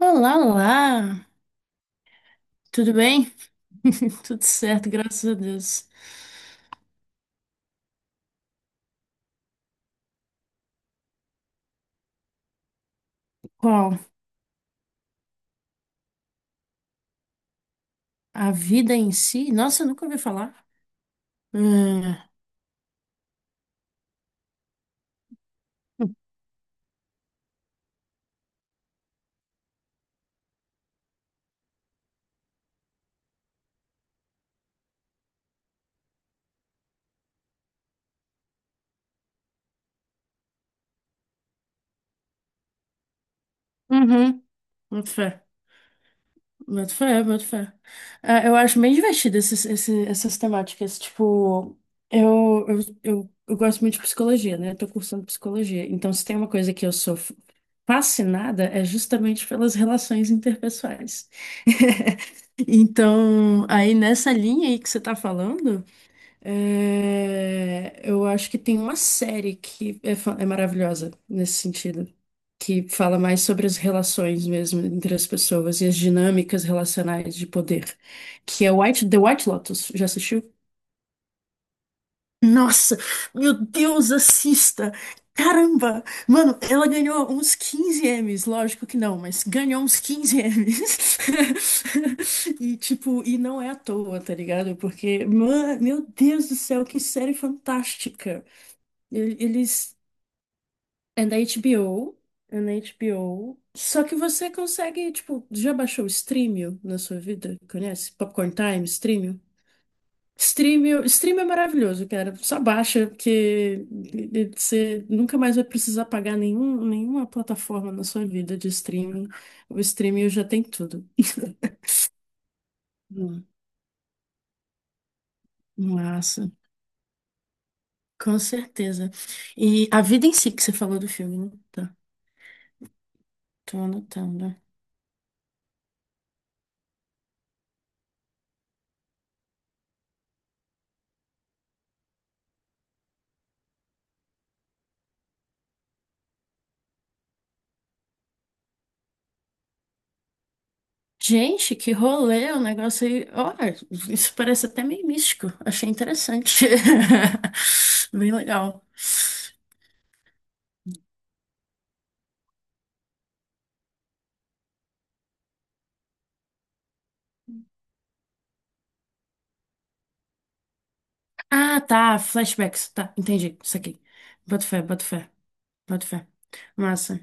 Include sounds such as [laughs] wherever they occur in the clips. Olá, olá! Tudo bem? [laughs] Tudo certo, graças a Deus. Qual? A vida em si? Nossa, eu nunca ouvi falar. É. Uhum, boto fé. Boto fé, boto fé. Ah, eu acho bem divertido essas temáticas. Tipo, eu gosto muito de psicologia, né? Eu tô cursando psicologia. Então, se tem uma coisa que eu sou fascinada, é justamente pelas relações interpessoais. [laughs] Então, aí nessa linha aí que você tá falando. É, eu acho que tem uma série que é maravilhosa nesse sentido, que fala mais sobre as relações mesmo entre as pessoas e as dinâmicas relacionais de poder, que é The White Lotus. Já assistiu? Nossa, meu Deus, assista! Caramba! Mano, ela ganhou uns 15 M's, lógico que não, mas ganhou uns 15 M's. [laughs] E tipo, e não é à toa, tá ligado? Porque, mano, meu Deus do céu, que série fantástica! E- Eles. É da HBO. É na HBO. Só que você consegue, tipo, já baixou o Streamio na sua vida? Conhece? Popcorn Time, Streamio? Stream é maravilhoso, cara. Só baixa, porque você nunca mais vai precisar pagar nenhuma plataforma na sua vida de streaming. O streaming já tem tudo. [laughs] Hum, Massa, com certeza. E a vida em si que você falou do filme, né? Tá, tô anotando. Gente, que rolê, o negócio aí. Olha, isso parece até meio místico. Achei interessante. [laughs] Bem legal. Ah, tá, flashbacks, tá, entendi, isso aqui. Boto fé, boto fé, boto fé. Massa.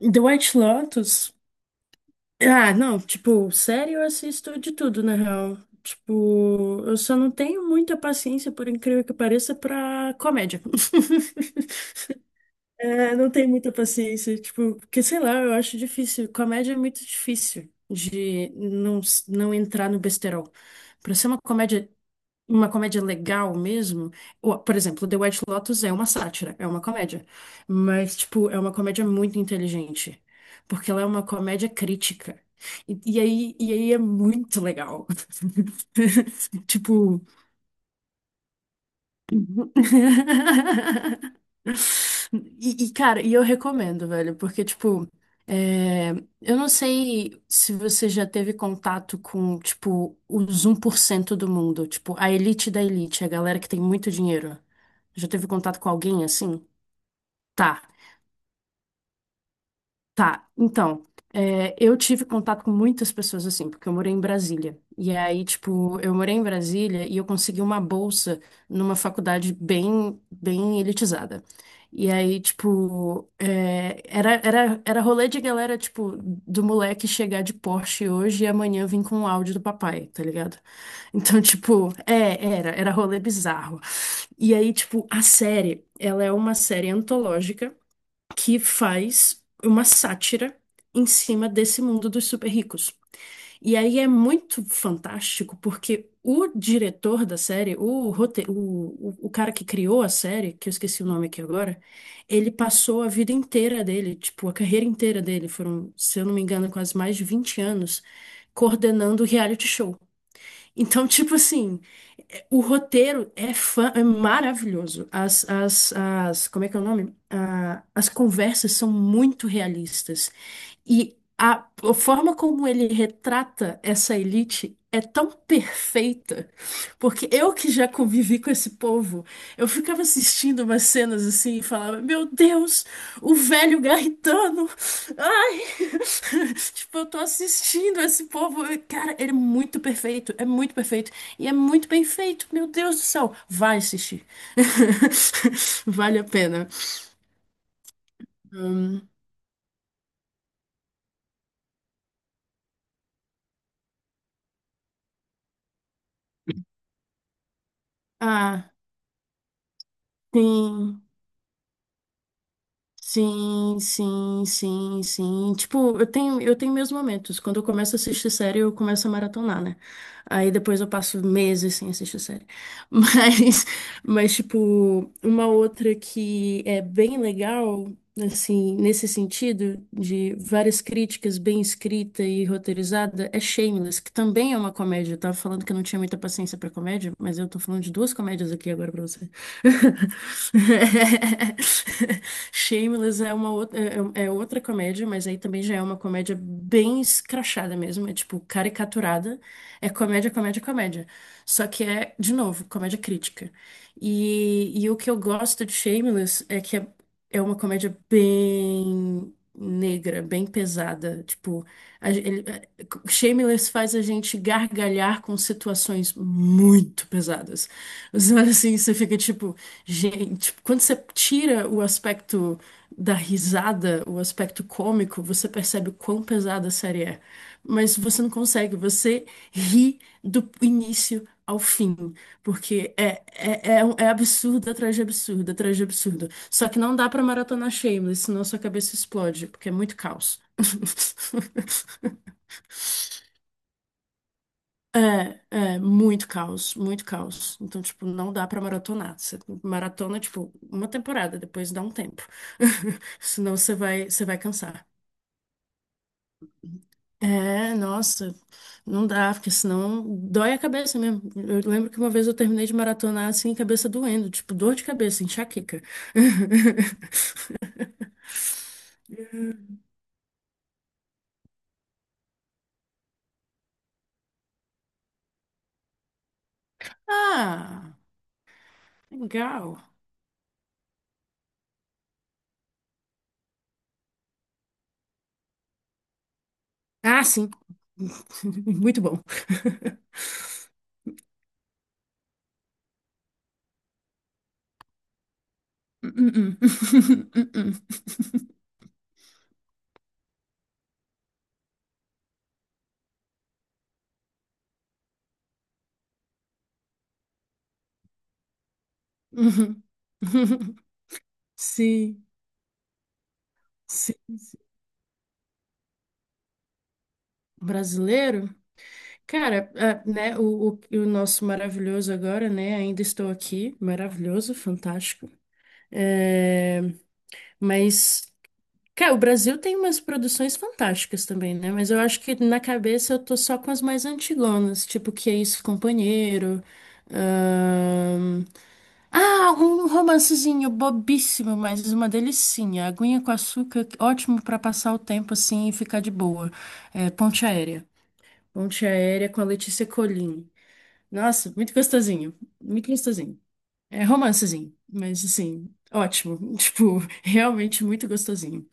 The White Lotus? Ah, não, tipo, série eu assisto de tudo, na real. Tipo, eu só não tenho muita paciência, por incrível que pareça, pra comédia. [laughs] É, não tenho muita paciência, tipo, porque sei lá, eu acho difícil. Comédia é muito difícil de não entrar no besterol. Pra ser uma comédia legal mesmo. Por exemplo, The White Lotus é uma sátira, é uma comédia. Mas, tipo, é uma comédia muito inteligente. Porque ela é uma comédia crítica. E aí é muito legal. [laughs] Tipo. [laughs] Cara, e eu recomendo, velho, porque, tipo, é, eu não sei se você já teve contato com, tipo, os um por cento do mundo, tipo, a elite da elite, a galera que tem muito dinheiro. Já teve contato com alguém assim? Tá. Tá, então, é, eu tive contato com muitas pessoas assim, porque eu morei em Brasília. E aí, tipo, eu morei em Brasília e eu consegui uma bolsa numa faculdade bem elitizada. E aí, tipo, é, era rolê de galera, tipo, do moleque chegar de Porsche hoje e amanhã vir com um áudio do papai, tá ligado? [laughs] Então, tipo, é, era rolê bizarro. E aí, tipo, a série, ela é uma série antológica que faz uma sátira em cima desse mundo dos super ricos. E aí é muito fantástico porque o diretor da série, o, rote- o cara que criou a série, que eu esqueci o nome aqui agora, ele passou a vida inteira dele, tipo, a carreira inteira dele, foram, se eu não me engano, quase mais de 20 anos, coordenando reality show. Então, [laughs] tipo assim, o roteiro é maravilhoso. Como é que é o nome? Ah, as conversas são muito realistas. E a forma como ele retrata essa elite é tão perfeita porque eu que já convivi com esse povo, eu ficava assistindo umas cenas assim e falava, meu Deus, o velho garritano. Ai! [laughs] Tipo, eu tô assistindo esse povo. Cara, ele é muito perfeito, é muito perfeito. E é muito bem feito, meu Deus do céu. Vai assistir. [laughs] Vale a pena. Hum, ah, sim. Sim, sim, sim, sim. Tipo, eu tenho meus momentos. Quando eu começo a assistir série, eu começo a maratonar, né? Aí depois eu passo meses sem assistir série. [laughs] Mas, mas tipo, uma outra que é bem legal, assim, nesse sentido, de várias críticas bem escrita e roteirizada, é Shameless, que também é uma comédia. Eu tava falando que eu não tinha muita paciência pra comédia, mas eu tô falando de duas comédias aqui agora pra você. [laughs] [laughs] Shameless é uma outra, é outra comédia, mas aí também já é uma comédia bem escrachada mesmo, é tipo caricaturada. É comédia, comédia, comédia. Só que é, de novo, comédia crítica. E o que eu gosto de Shameless é que é uma comédia bem negra, bem pesada. Tipo, a- ele- Shameless faz a gente gargalhar com situações muito pesadas. Você olha assim, você fica tipo, gente, tipo, quando você tira o aspecto da risada, o aspecto cômico, você percebe o quão pesada a série é. Mas você não consegue, você ri do início ao fim, porque é absurdo atrás de absurdo, atrás de absurdo. Só que não dá pra maratonar Shameless, senão sua cabeça explode, porque é muito caos. [laughs] É, é, muito caos, muito caos. Então, tipo, não dá pra maratonar. Você maratona, tipo, uma temporada, depois dá um tempo. [laughs] Senão você vai cansar. É, nossa, não dá, porque senão dói a cabeça mesmo. Eu lembro que uma vez eu terminei de maratonar assim, cabeça doendo, tipo, dor de cabeça, enxaqueca. [laughs] Ah, legal. Ah, sim. [laughs] Muito bom. [laughs] Uh-uh. [laughs] Uh-uh. Uhum. [laughs] Sim, sim, sim. Brasileiro? Cara, ah, né, o nosso maravilhoso agora, né? Ainda estou aqui, maravilhoso, fantástico. É, mas, cara, o Brasil tem umas produções fantásticas também, né? Mas eu acho que na cabeça eu tô só com as mais antigonas, tipo Que É Isso, Companheiro, ah, um romancezinho bobíssimo, mas uma delicinha. Aguinha com açúcar, ótimo pra passar o tempo assim e ficar de boa. É, Ponte Aérea. Ponte Aérea com a Letícia Colin. Nossa, muito gostosinho. Muito gostosinho. É romancezinho, mas assim, ótimo. [laughs] Tipo, realmente muito gostosinho.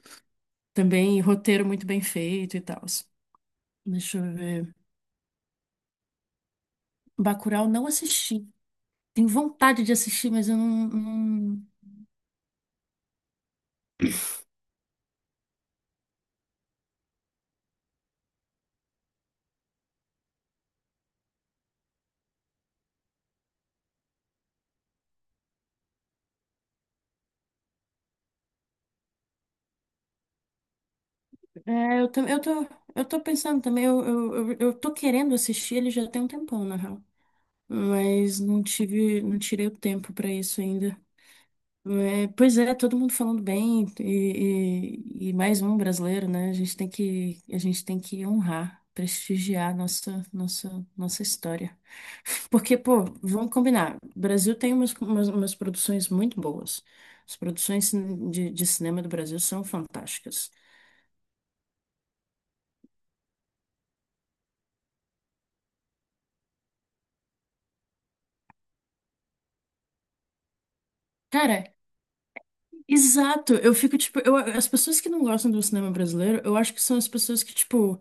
Também roteiro muito bem feito e tal. Deixa eu ver. Bacurau não assisti. Tenho vontade de assistir, mas eu não. É, eu tô pensando também, eu tô querendo assistir ele já tem um tempão, na real. Mas não tive, não tirei o tempo pra isso ainda. É, pois é, todo mundo falando bem, e mais um brasileiro, né? A gente tem que, a gente tem que honrar, prestigiar nossa história. [laughs] Porque, pô, vamos combinar, o Brasil tem umas produções muito boas. As produções de cinema do Brasil são fantásticas. Cara, exato, eu fico tipo, eu, as pessoas que não gostam do cinema brasileiro, eu acho que são as pessoas que, tipo,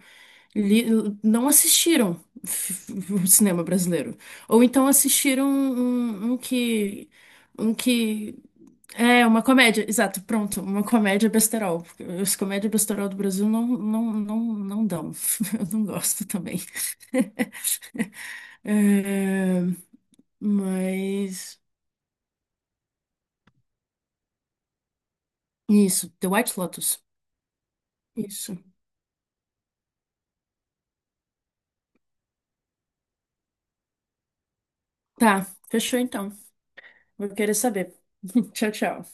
li- não assistiram o cinema brasileiro. Ou então assistiram um que. Um que. É, uma comédia, exato, pronto, uma comédia besterol. Porque as comédias besterol do Brasil não dão. [laughs] Eu não gosto também. [laughs] É, mas. Isso, The White Lotus. Isso. Tá, fechou então. Vou querer saber. [laughs] Tchau, tchau.